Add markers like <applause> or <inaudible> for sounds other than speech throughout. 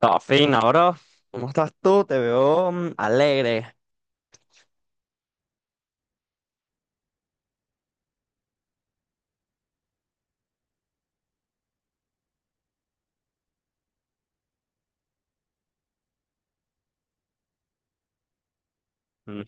Ah, fin, ahora, ¿cómo estás tú? Te veo alegre. Mm.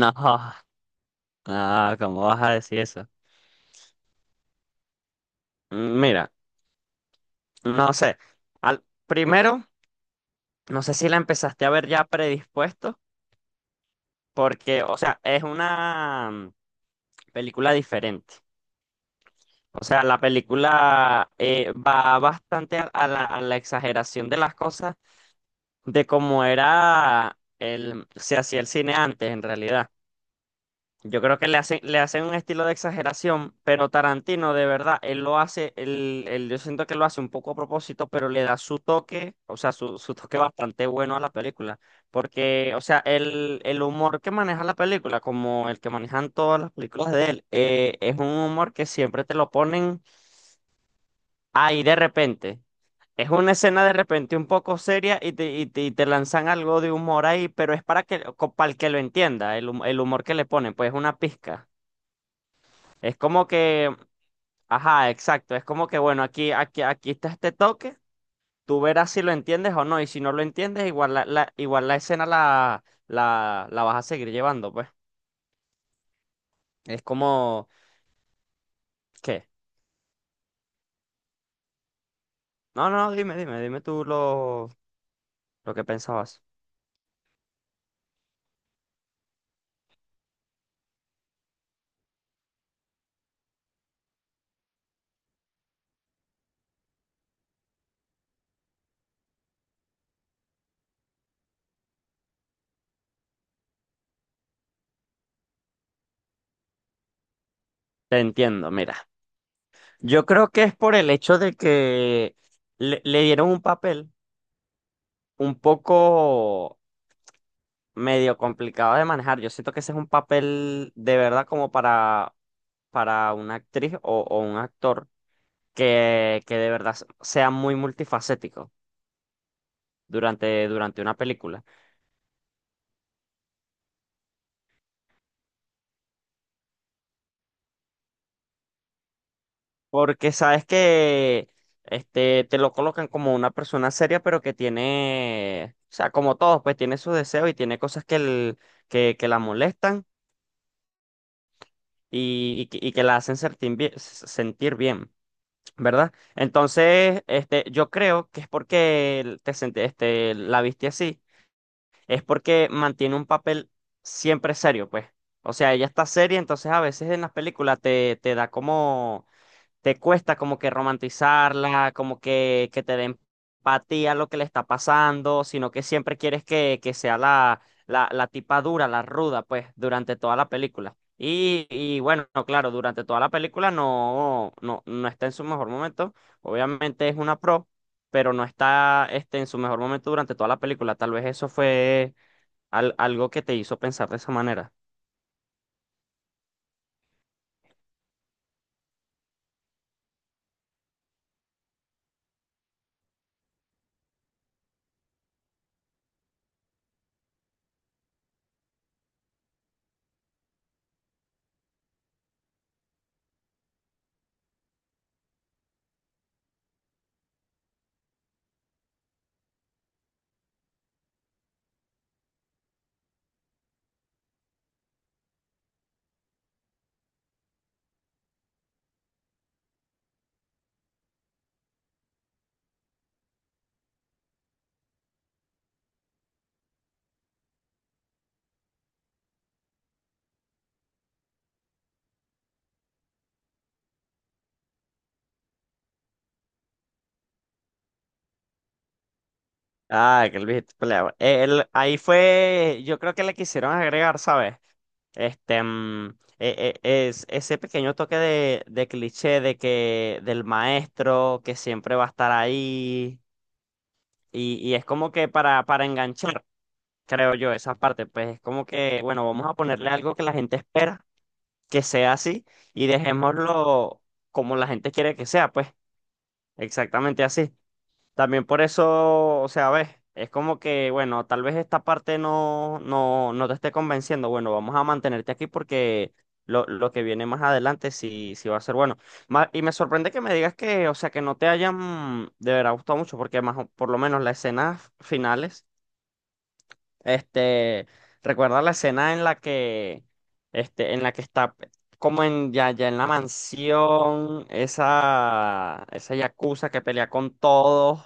No. Ah, ¿cómo vas a decir eso? Mm. Mira, no sé. Primero, no sé si la empezaste a ver ya predispuesto, porque, o sea, es una película diferente. O sea, la película va bastante a, a la exageración de las cosas, de cómo era se hacía el cine antes, en realidad. Yo creo que le hacen un estilo de exageración, pero Tarantino, de verdad, él lo hace, yo siento que lo hace un poco a propósito, pero le da su toque, o sea, su toque bastante bueno a la película. Porque, o sea, el humor que maneja la película, como el que manejan todas las películas de él, es un humor que siempre te lo ponen ahí de repente. Es una escena de repente un poco seria y te lanzan algo de humor ahí, pero es para el que lo entienda, el humor que le ponen, pues es una pizca. Es como que, ajá, exacto, es como que, bueno, aquí está este toque, tú verás si lo entiendes o no, y si no lo entiendes, igual igual la escena la vas a seguir llevando, pues. Es como, ¿qué? No, no, dime, dime, dime tú lo que pensabas. Te entiendo, mira. Yo creo que es por el hecho de que le dieron un papel un poco medio complicado de manejar. Yo siento que ese es un papel de verdad como para una actriz o un actor que de verdad sea muy multifacético durante una película. Porque sabes que este, te lo colocan como una persona seria, pero que tiene, o sea, como todos, pues tiene sus deseos y tiene cosas que la molestan y que la hacen sentir bien, ¿verdad? Entonces, este, yo creo que es porque la viste así es porque mantiene un papel siempre serio, pues. O sea, ella está seria, entonces a veces en las películas te da como, te cuesta como que romantizarla, como que te dé empatía a lo que le está pasando, sino que siempre quieres que sea la tipa dura, la ruda, pues, durante toda la película. Y bueno, claro, durante toda la película no, no, no está en su mejor momento. Obviamente es una pro, pero no está este, en su mejor momento durante toda la película. Tal vez eso fue algo que te hizo pensar de esa manera. Ah, que el viejito peleaba. Ahí fue, yo creo que le quisieron agregar, ¿sabes? Este, mm, ese pequeño toque de cliché de que del maestro que siempre va a estar ahí y es como que para enganchar, creo yo, esa parte, pues es como que, bueno, vamos a ponerle algo que la gente espera que sea así y dejémoslo como la gente quiere que sea, pues exactamente así. También por eso, o sea, ves, es como que, bueno, tal vez esta parte no, no, no te esté convenciendo. Bueno, vamos a mantenerte aquí porque lo que viene más adelante sí, sí va a ser bueno. Y me sorprende que me digas que, o sea, que no te hayan de verdad gustado mucho, porque más, por lo menos las escenas finales, este, recuerda la escena en la que, este, en la que está como en ya, ya en la mansión, esa yakuza que pelea con todos.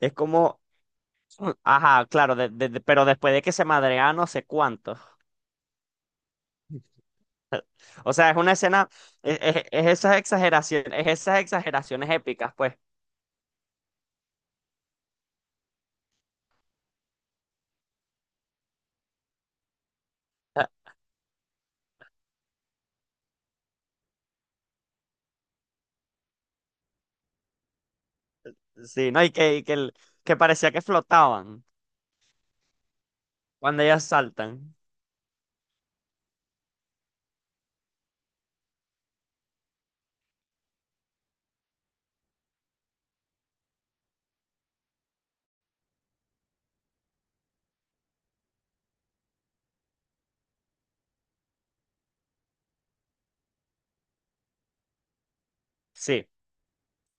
Es como, ajá, claro, pero después de que se madrea no sé cuánto. O sea, es una escena, es esas exageraciones épicas, pues. <laughs> Ah, sí, ¿no? Y que, que parecía que flotaban cuando ellas saltan. Sí.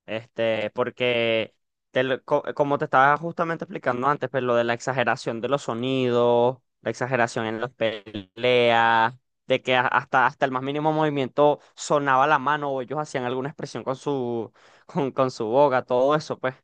Este, porque como te estaba justamente explicando antes, pues lo de la exageración de los sonidos, la exageración en las peleas, de que hasta el más mínimo movimiento sonaba la mano o ellos hacían alguna expresión con su, <laughs> con su boca, todo eso, pues,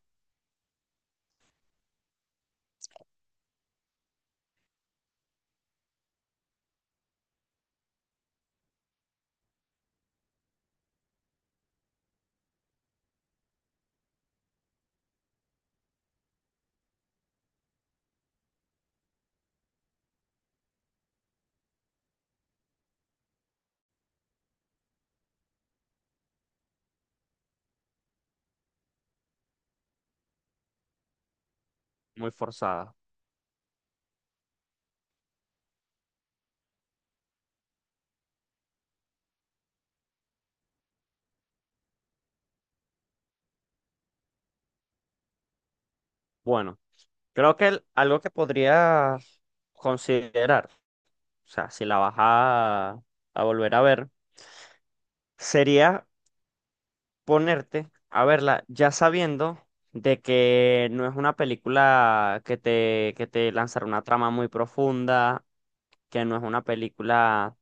muy forzada. Bueno, creo que algo que podría considerar, o sea, si la vas a volver a ver, sería ponerte a verla ya sabiendo de que no es una película que que te lanzará una trama muy profunda, que no es una película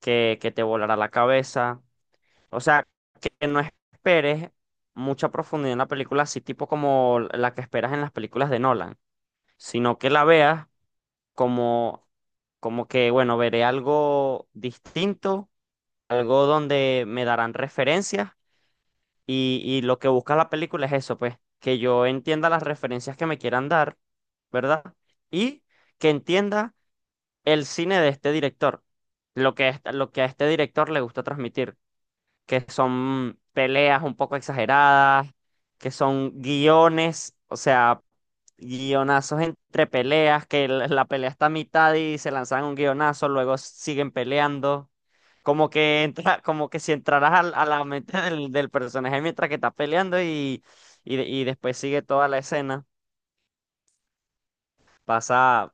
que te volará la cabeza. O sea, que no esperes mucha profundidad en la película, así tipo como la que esperas en las películas de Nolan, sino que la veas como, como que, bueno, veré algo distinto, algo donde me darán referencias y lo que busca la película es eso, pues, que yo entienda las referencias que me quieran dar, ¿verdad? Y que entienda el cine de este director, lo que, lo que a este director le gusta transmitir que son peleas un poco exageradas, que son guiones, o sea, guionazos entre peleas, que la pelea está a mitad y se lanzan un guionazo, luego siguen peleando. Como que entra, como que si entraras la mente del personaje mientras que está peleando y después sigue toda la escena. Pasa,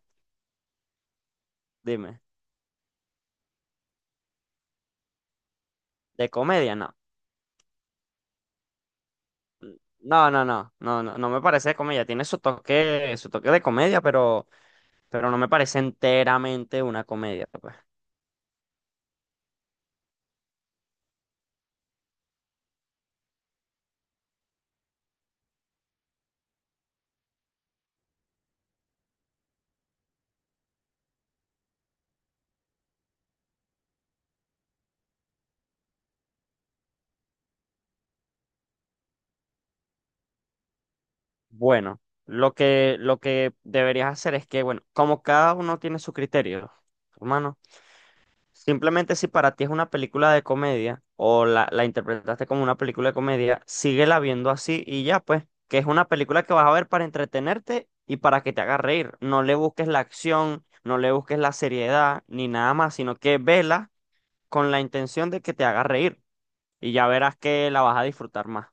dime. De comedia, no. No, no, no, no, no, no me parece de comedia. Tiene su toque de comedia, pero no me parece enteramente una comedia, pues. Bueno, lo que, deberías hacer es que, bueno, como cada uno tiene su criterio, hermano, simplemente si para ti es una película de comedia o la interpretaste como una película de comedia, síguela viendo así y ya, pues, que es una película que vas a ver para entretenerte y para que te haga reír. No le busques la acción, no le busques la seriedad ni nada más, sino que vela con la intención de que te haga reír y ya verás que la vas a disfrutar más.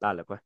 Dale, pues.